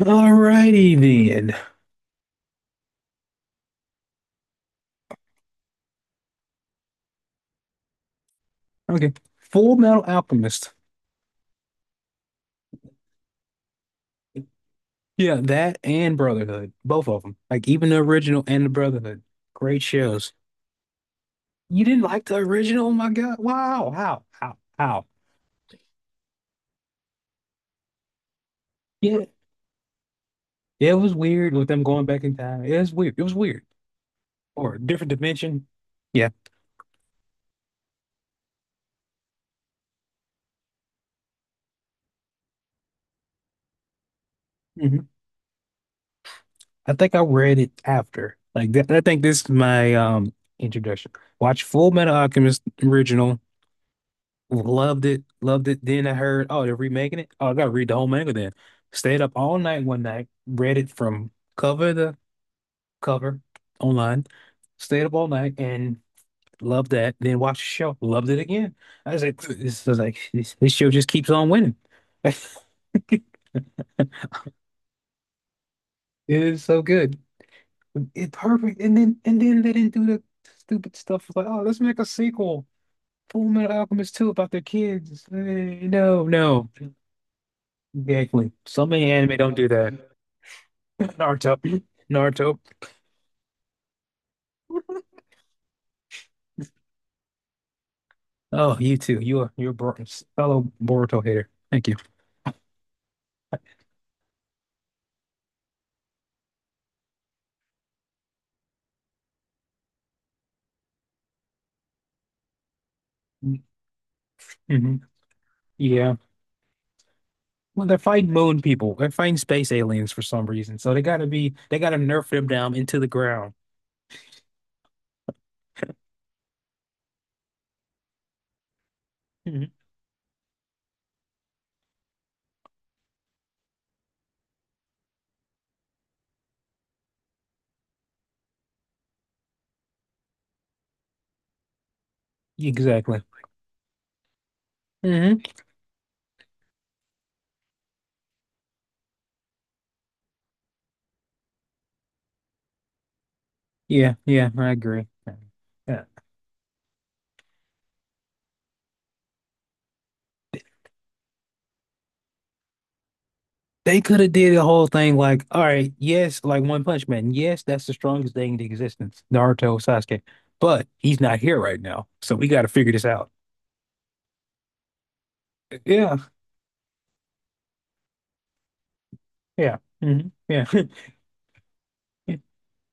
Alrighty then. Okay. Full Metal Alchemist. Yeah, that and Brotherhood. Both of them. Like even the original and the Brotherhood. Great shows. You didn't like the original? Oh my God. Wow. How? How? How? Yeah. It was weird with them going back in time. It was weird. It was weird. Or a different dimension. Yeah. Hmm. I think I read it after. Like that, I think this is my introduction. Watch Full Metal Alchemist original, loved it, loved it. Then I heard, oh, they're remaking it. Oh, I gotta read the whole manga then. Stayed up all night one night, read it from cover to cover online. Stayed up all night and loved that. Then watched the show, loved it again. I was like, this is like this show just keeps on winning. It is so good. It's perfect. And then they didn't do the stupid stuff like, oh, let's make a sequel, Full Metal Alchemist 2 about their kids. Eh, no, no. Exactly. So many anime don't do that. Naruto. Naruto. Oh, you too. You are fellow Boruto hater. Thank you. Hmm. Yeah. Well, they're fighting moon people. They're fighting space aliens for some reason. So they gotta nerf them down into the ground. Hmm. Exactly. Hmm. Yeah, yeah, I agree. Yeah. They could have did the whole thing like, all right, yes, like One Punch Man. Yes, that's the strongest thing in existence, Naruto Sasuke. But he's not here right now. So we gotta figure this out. Yeah, yeah, hmm, yeah,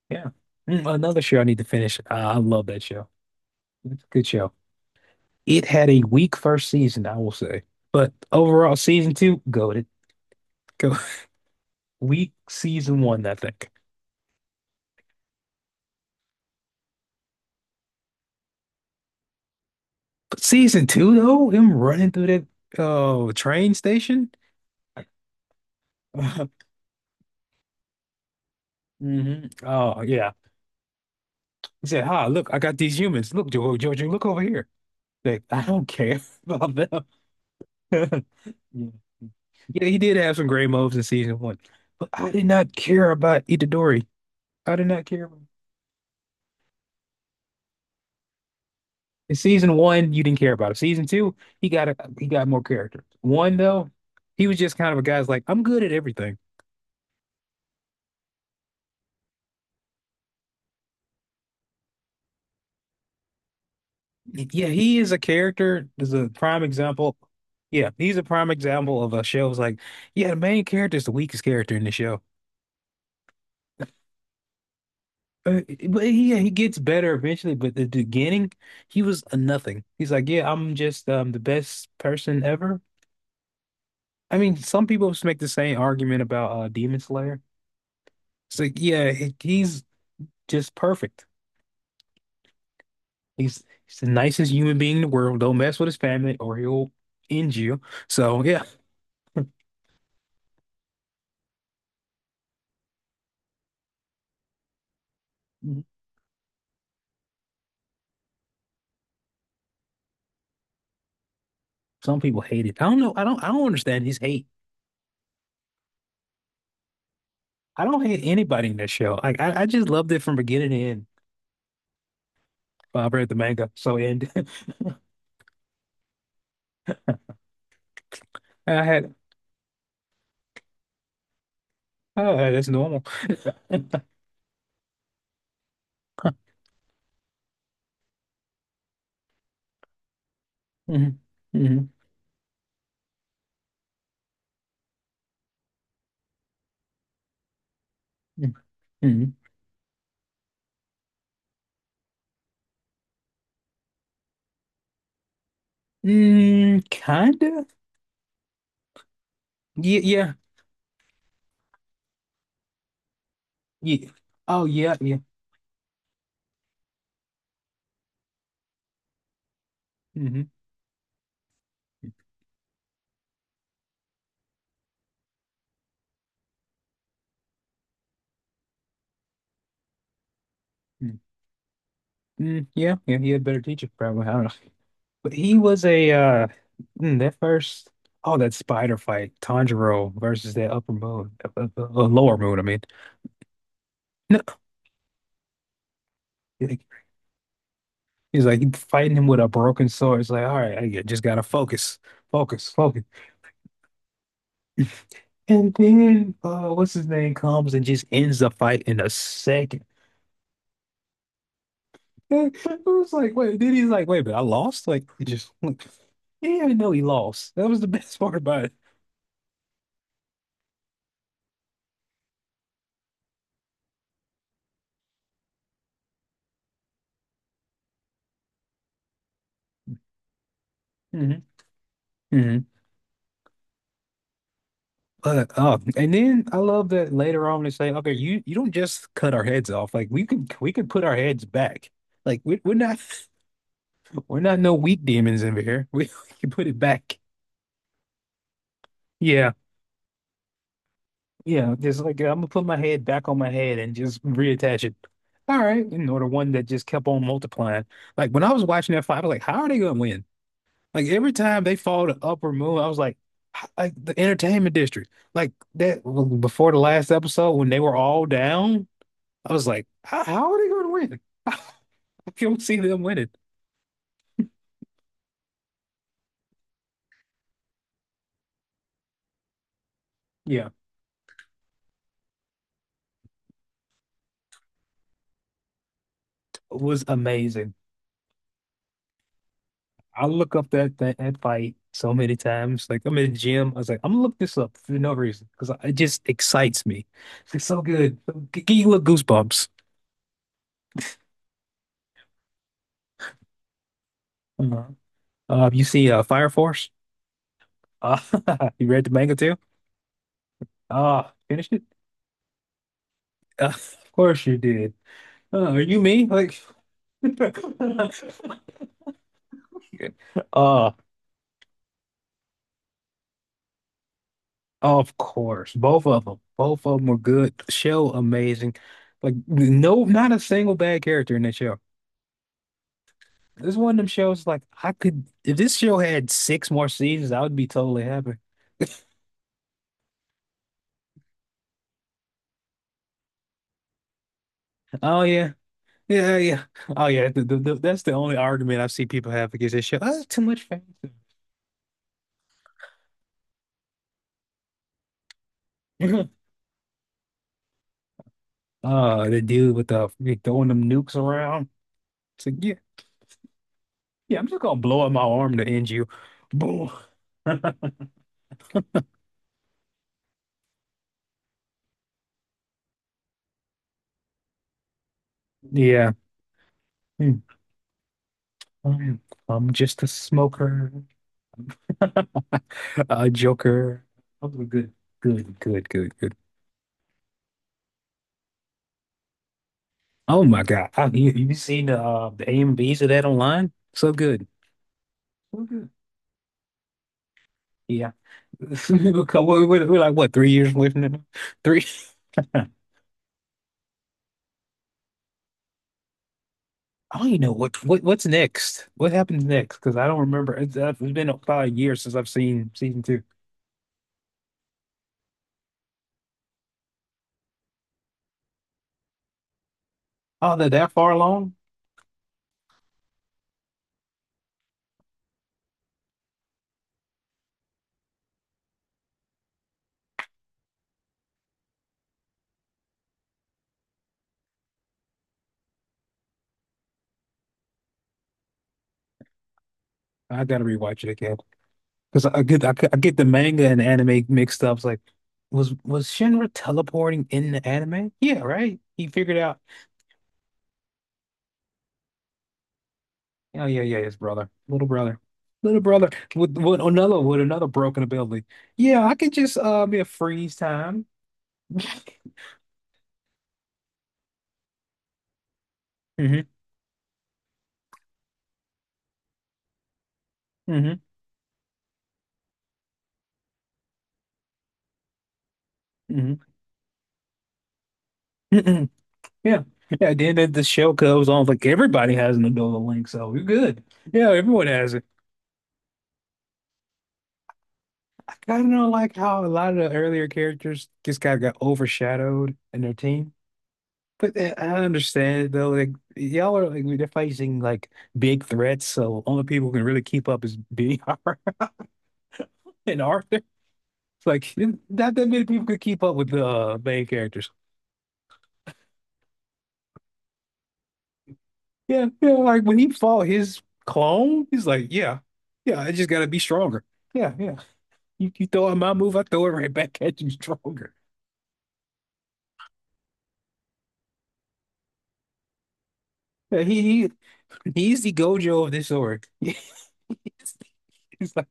yeah. Another show I need to finish. I love that show. It's a good show. It had a weak first season, I will say, but overall, season two, goated. Go weak season one, I think. But season two, though, him running through that train station. Hmm. Oh yeah, he said, "Hi, look, I got these humans. Look, Jojo, look over here." Like, I don't care about them. Yeah. Yeah, he did have some great moves in season one, but I did not care about Itadori. I did not care about him. In season one, you didn't care about him. Season two, he got more character. One though, he was just kind of a guy's like, I'm good at everything. Yeah, he is a character. Is a prime example. Yeah, he's a prime example of a show. It's like, yeah, the main character is the weakest character in the show. Uh, but he yeah, he gets better eventually. But at the beginning, he was a nothing. He's like, yeah, I'm just the best person ever. I mean, some people just make the same argument about Demon Slayer. It's like, yeah, he's just perfect. He's the nicest human being in the world. Don't mess with his family or he'll end you. So yeah, some people hate it. I don't know. I don't. I don't understand his hate. I don't hate anybody in that show. Like I just loved it from beginning to end. Well, I read the manga, so end. I had Oh, that's normal. Hmm. Hmm. Hmm. Hmm. Mm, kinda. Yeah, yeah. Yeah. Oh yeah, yeah. Hmm. Mm, yeah, yeah, he had a better teacher, probably. I don't know. But he was a mm, that first oh that spider fight, Tanjiro versus that upper moon, lower moon, I mean. No, like, he's like fighting him with a broken sword. It's like, all right, I just gotta focus, focus, focus. And then what's his name comes and just ends the fight in a second. I was like, wait, then he's like, wait, but I lost? Like, he just, like, he didn't even know he lost. That was the best part about it. Hmm. Hmm. But, and then I love that later on they say, okay, you don't just cut our heads off. Like, we can put our heads back. Like, we're not, we're not no weak demons in here. We, we can put it back. Yeah. Yeah. Just like, I'm gonna put my head back on my head and just reattach it. All right. You know, the one that just kept on multiplying. Like, when I was watching that fight, I was like, how are they gonna win? Like every time they fall to Upper Moon, I was like, like the entertainment district, like that before the last episode when they were all down, I was like, how are they going to win? I don't see them winning. Yeah, it was amazing. I look up that fight so many times. Like I'm in the gym, I was like, I'm gonna look this up for no reason because it just excites me. It's like so good. Give you little goosebumps. Uh-huh. You see, Fire Force. Uh, you read the manga too? Ah, finished it? Of course you did. Are you me? Like, uh, of course, both of them were good. Show amazing. Like, no, not a single bad character in that show. This is one of them shows. Like, I could if this show had six more seasons, I would be totally happy. Oh yeah, yeah, yeah. Oh yeah. That's the only argument I see people have against this show. Oh, it's too much fantasy. The dude with the throwing them nukes around. It's like, yeah, yeah, I'm just gonna blow up my arm to end you. Boom. Yeah. Hmm. I'm I'm just a smoker. A joker. Those were good. Good, good, good, good. Oh my God. Have you seen the AMVs of that online? So good. So good. Yeah. We're like what, 3 years away from it now? Three. I don't even know what's next. What happens next? Because I don't remember. It's been about a year since I've seen season two. Oh, they're that far along? I gotta rewatch it again because I get the manga and anime mixed up. It's like, was Shinra teleporting in the anime? Yeah, right. He figured out. Oh yeah, yeah, his brother, little brother, little brother with, with another broken ability. Yeah, I can just be a freeze time. Hmm. Hmm. Hmm. Yeah. Yeah. Then the shell goes on like everybody has an Ebola link, so we're good. Yeah, everyone has it. I kind of don't like how a lot of the earlier characters just kind of got overshadowed in their team. But eh, I understand though, like y'all are like they're facing like big threats, so only people who can really keep up is BR and Arthur. It's like not that many people could keep up with the main characters. Yeah, yeah, like when he fought his clone, he's like, yeah, yeah, I just gotta be stronger. Yeah, yeah. You throw at my move, I throw it right back at you stronger. Yeah, he's the Gojo of this org. He's like,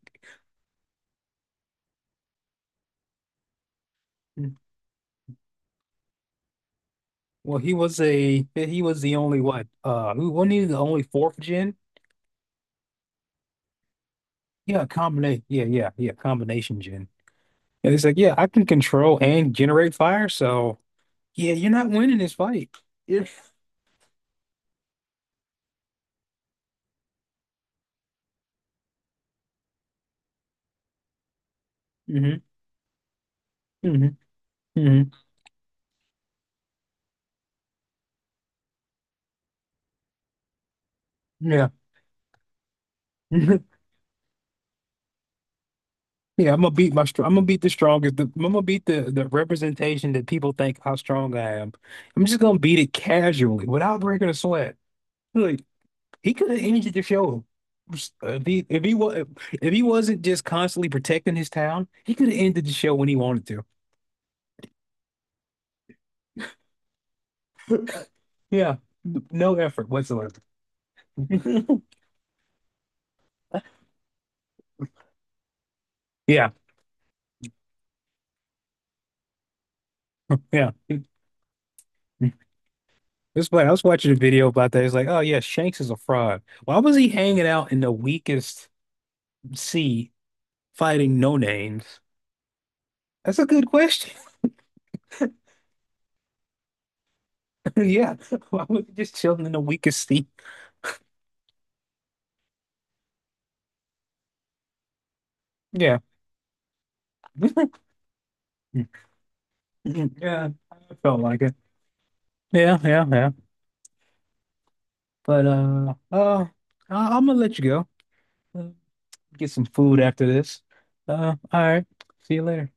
well, he was the only what? Who wasn't he the only fourth gen? Yeah, combination. Yeah, combination gen. And he's like, yeah, I can control and generate fire. So yeah, you're not winning this fight. Yeah. Hmm. Hmm. Hmm. Yeah. Yeah, I'm gonna beat the strongest. I'm gonna beat the representation that people think how strong I am. I'm just gonna beat it casually without breaking a sweat. Like he could have ended the show if he was if he wasn't just constantly protecting his town. He could have ended the show when he wanted to. Yeah, no effort whatsoever. Yeah, yeah. It's funny. I was watching a video about that. It's like, oh yeah, Shanks is a fraud. Why was he hanging out in the weakest sea fighting no names? That's a good question. Yeah, why was he just chilling in the weakest seat? Yeah. Yeah, I felt like it. Yeah, yeah, yeah. But I I'm gonna let you go. Uh, get some food after this. All right. See you later.